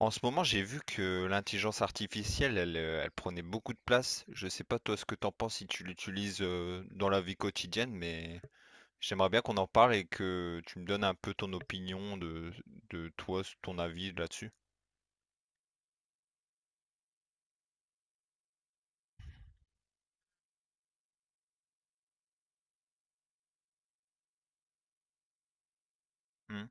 En ce moment, j'ai vu que l'intelligence artificielle, elle, elle prenait beaucoup de place. Je sais pas toi ce que t'en penses si tu l'utilises dans la vie quotidienne, mais j'aimerais bien qu'on en parle et que tu me donnes un peu ton opinion de toi, ton avis là-dessus. Hmm.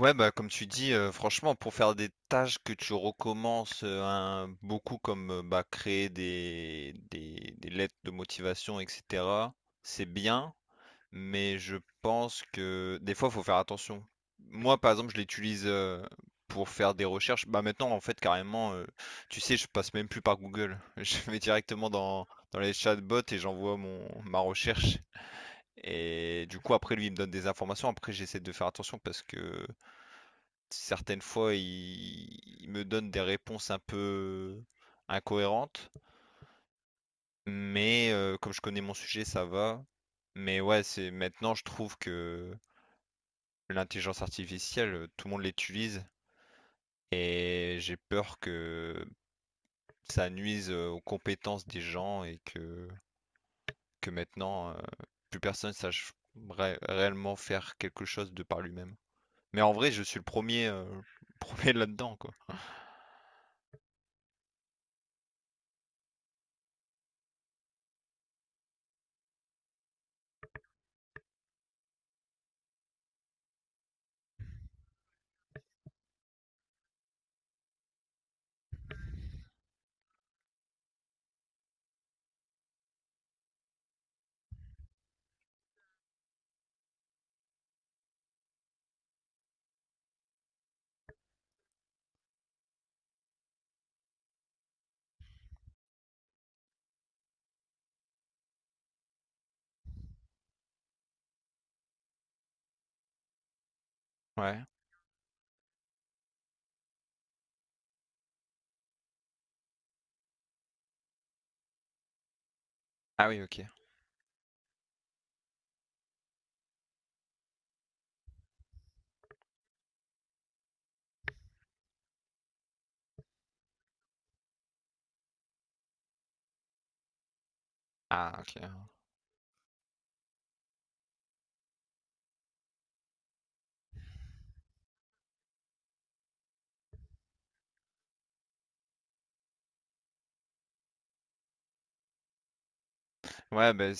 Ouais, bah comme tu dis, franchement, pour faire des tâches que tu recommences beaucoup comme bah, créer des lettres de motivation, etc., c'est bien, mais je pense que des fois, il faut faire attention. Moi, par exemple, je l'utilise pour faire des recherches. Bah maintenant, en fait, carrément, tu sais, je passe même plus par Google. Je vais directement dans, dans les chatbots et j'envoie mon ma recherche. Et du coup, après, lui, il me donne des informations. Après, j'essaie de faire attention parce que certaines fois, il me donne des réponses un peu incohérentes. Mais comme je connais mon sujet, ça va. Mais ouais, c'est maintenant, je trouve que l'intelligence artificielle, tout le monde l'utilise et j'ai peur que ça nuise aux compétences des gens et que maintenant, plus personne sache réellement faire quelque chose de par lui-même. Mais en vrai, je suis le premier, le premier là-dedans, quoi. Ouais. Ah oui, ok. Ah, ok. Ouais, ben,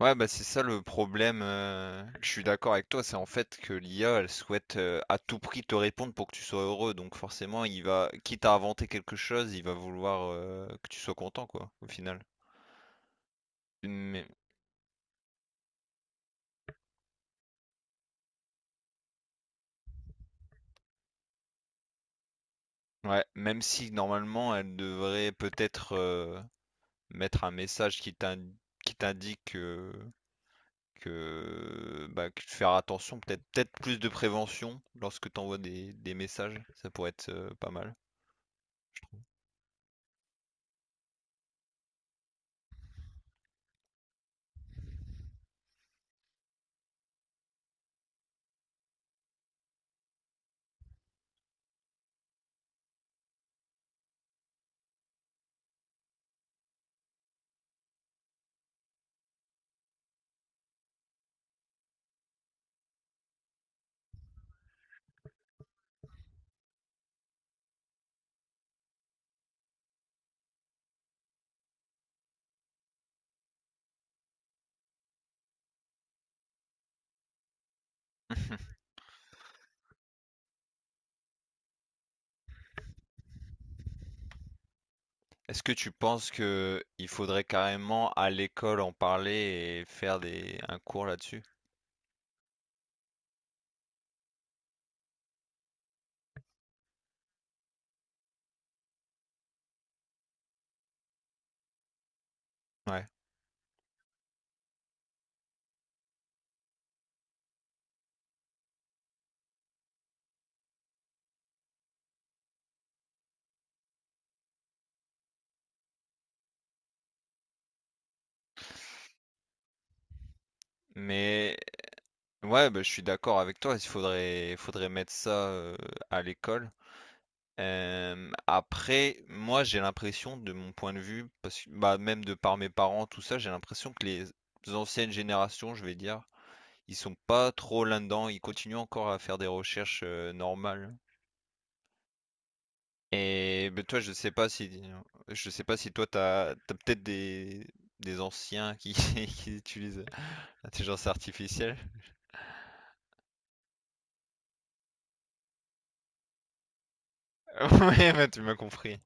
ouais, bah, c'est ça le problème, je suis d'accord avec toi, c'est en fait que l'IA, elle souhaite, à tout prix te répondre pour que tu sois heureux, donc forcément, il va, quitte à inventer quelque chose, il va vouloir, que tu sois content, quoi, au final. Mais ouais, même si normalement, elle devrait peut-être, mettre un message qui t'indique, que, bah, que faire attention, peut-être plus de prévention lorsque tu envoies des messages, ça pourrait être, pas mal, je trouve. Est-ce que tu penses que il faudrait carrément à l'école en parler et faire des un cours là-dessus? Ouais. Mais ouais, bah, je suis d'accord avec toi, il faudrait, mettre ça à l'école. Après, moi j'ai l'impression de mon point de vue, parce que bah, même de par mes parents, tout ça, j'ai l'impression que les anciennes générations, je vais dire, ils sont pas trop là-dedans, ils continuent encore à faire des recherches normales. Et ben, toi, je sais pas si toi t'as peut-être des anciens qui, qui utilisent l'intelligence artificielle. Ouais, bah, tu m'as compris.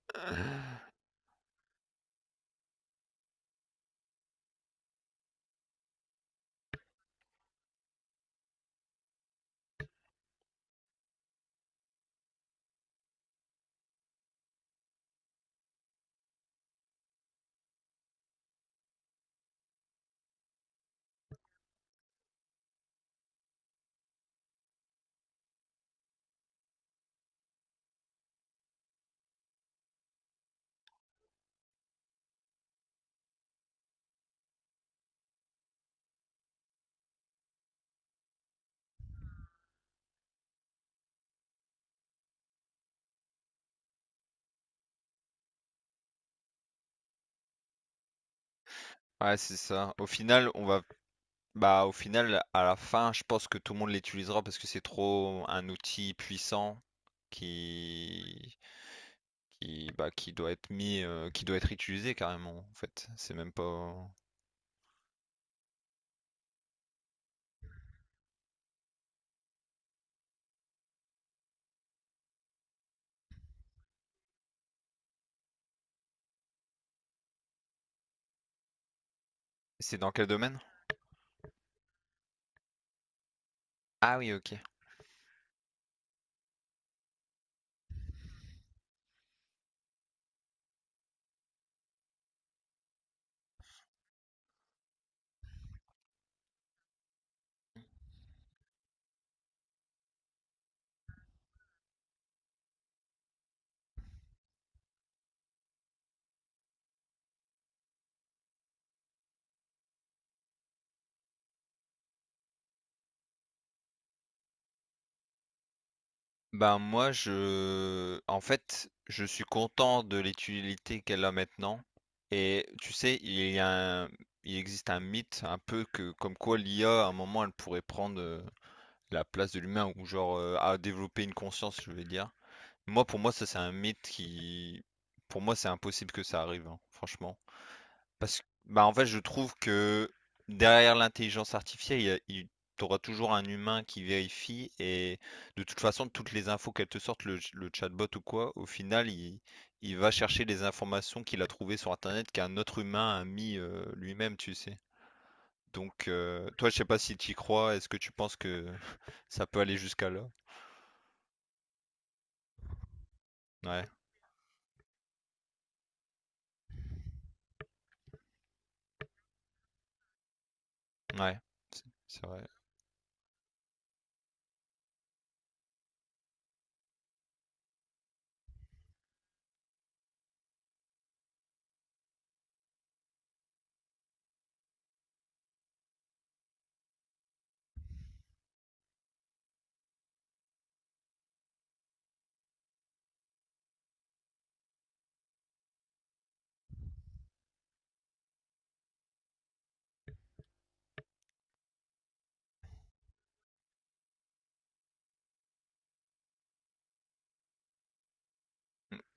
Ouais, c'est ça. Au final, on va bah au final à la fin, je pense que tout le monde l'utilisera parce que c'est trop un outil puissant qui, qui doit être mis, qui doit être utilisé carrément en fait. C'est même pas... C'est dans quel domaine? Ah oui, ok. Ben moi je, en fait, je suis content de l'utilité qu'elle a maintenant et tu sais, il existe un mythe un peu, que comme quoi l'IA à un moment elle pourrait prendre la place de l'humain ou genre à développer une conscience, je veux dire. Moi pour moi ça c'est un mythe qui... Pour moi c'est impossible que ça arrive, hein, franchement. Parce que, bah, en fait, je trouve que derrière l'intelligence artificielle, il y a- il- t'auras toujours un humain qui vérifie et de toute façon, toutes les infos qu'elle te sorte, le chatbot ou quoi, au final, il va chercher les informations qu'il a trouvées sur Internet qu'un autre humain a mis lui-même, tu sais. Donc, toi, je sais pas si tu y crois, est-ce que tu penses que ça peut aller jusqu'à là? Ouais, ouais, c'est vrai.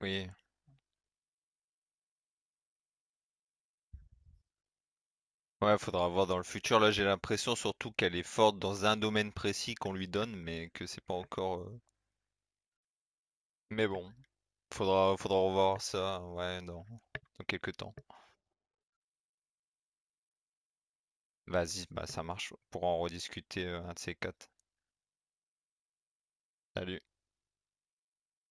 Oui. Ouais, faudra voir dans le futur. Là, j'ai l'impression surtout qu'elle est forte dans un domaine précis qu'on lui donne, mais que c'est pas encore. Euh, mais bon, faudra revoir ça, ouais, dans, dans quelques temps. Vas-y, bah ça marche. Pour en rediscuter un de ces quatre. Salut.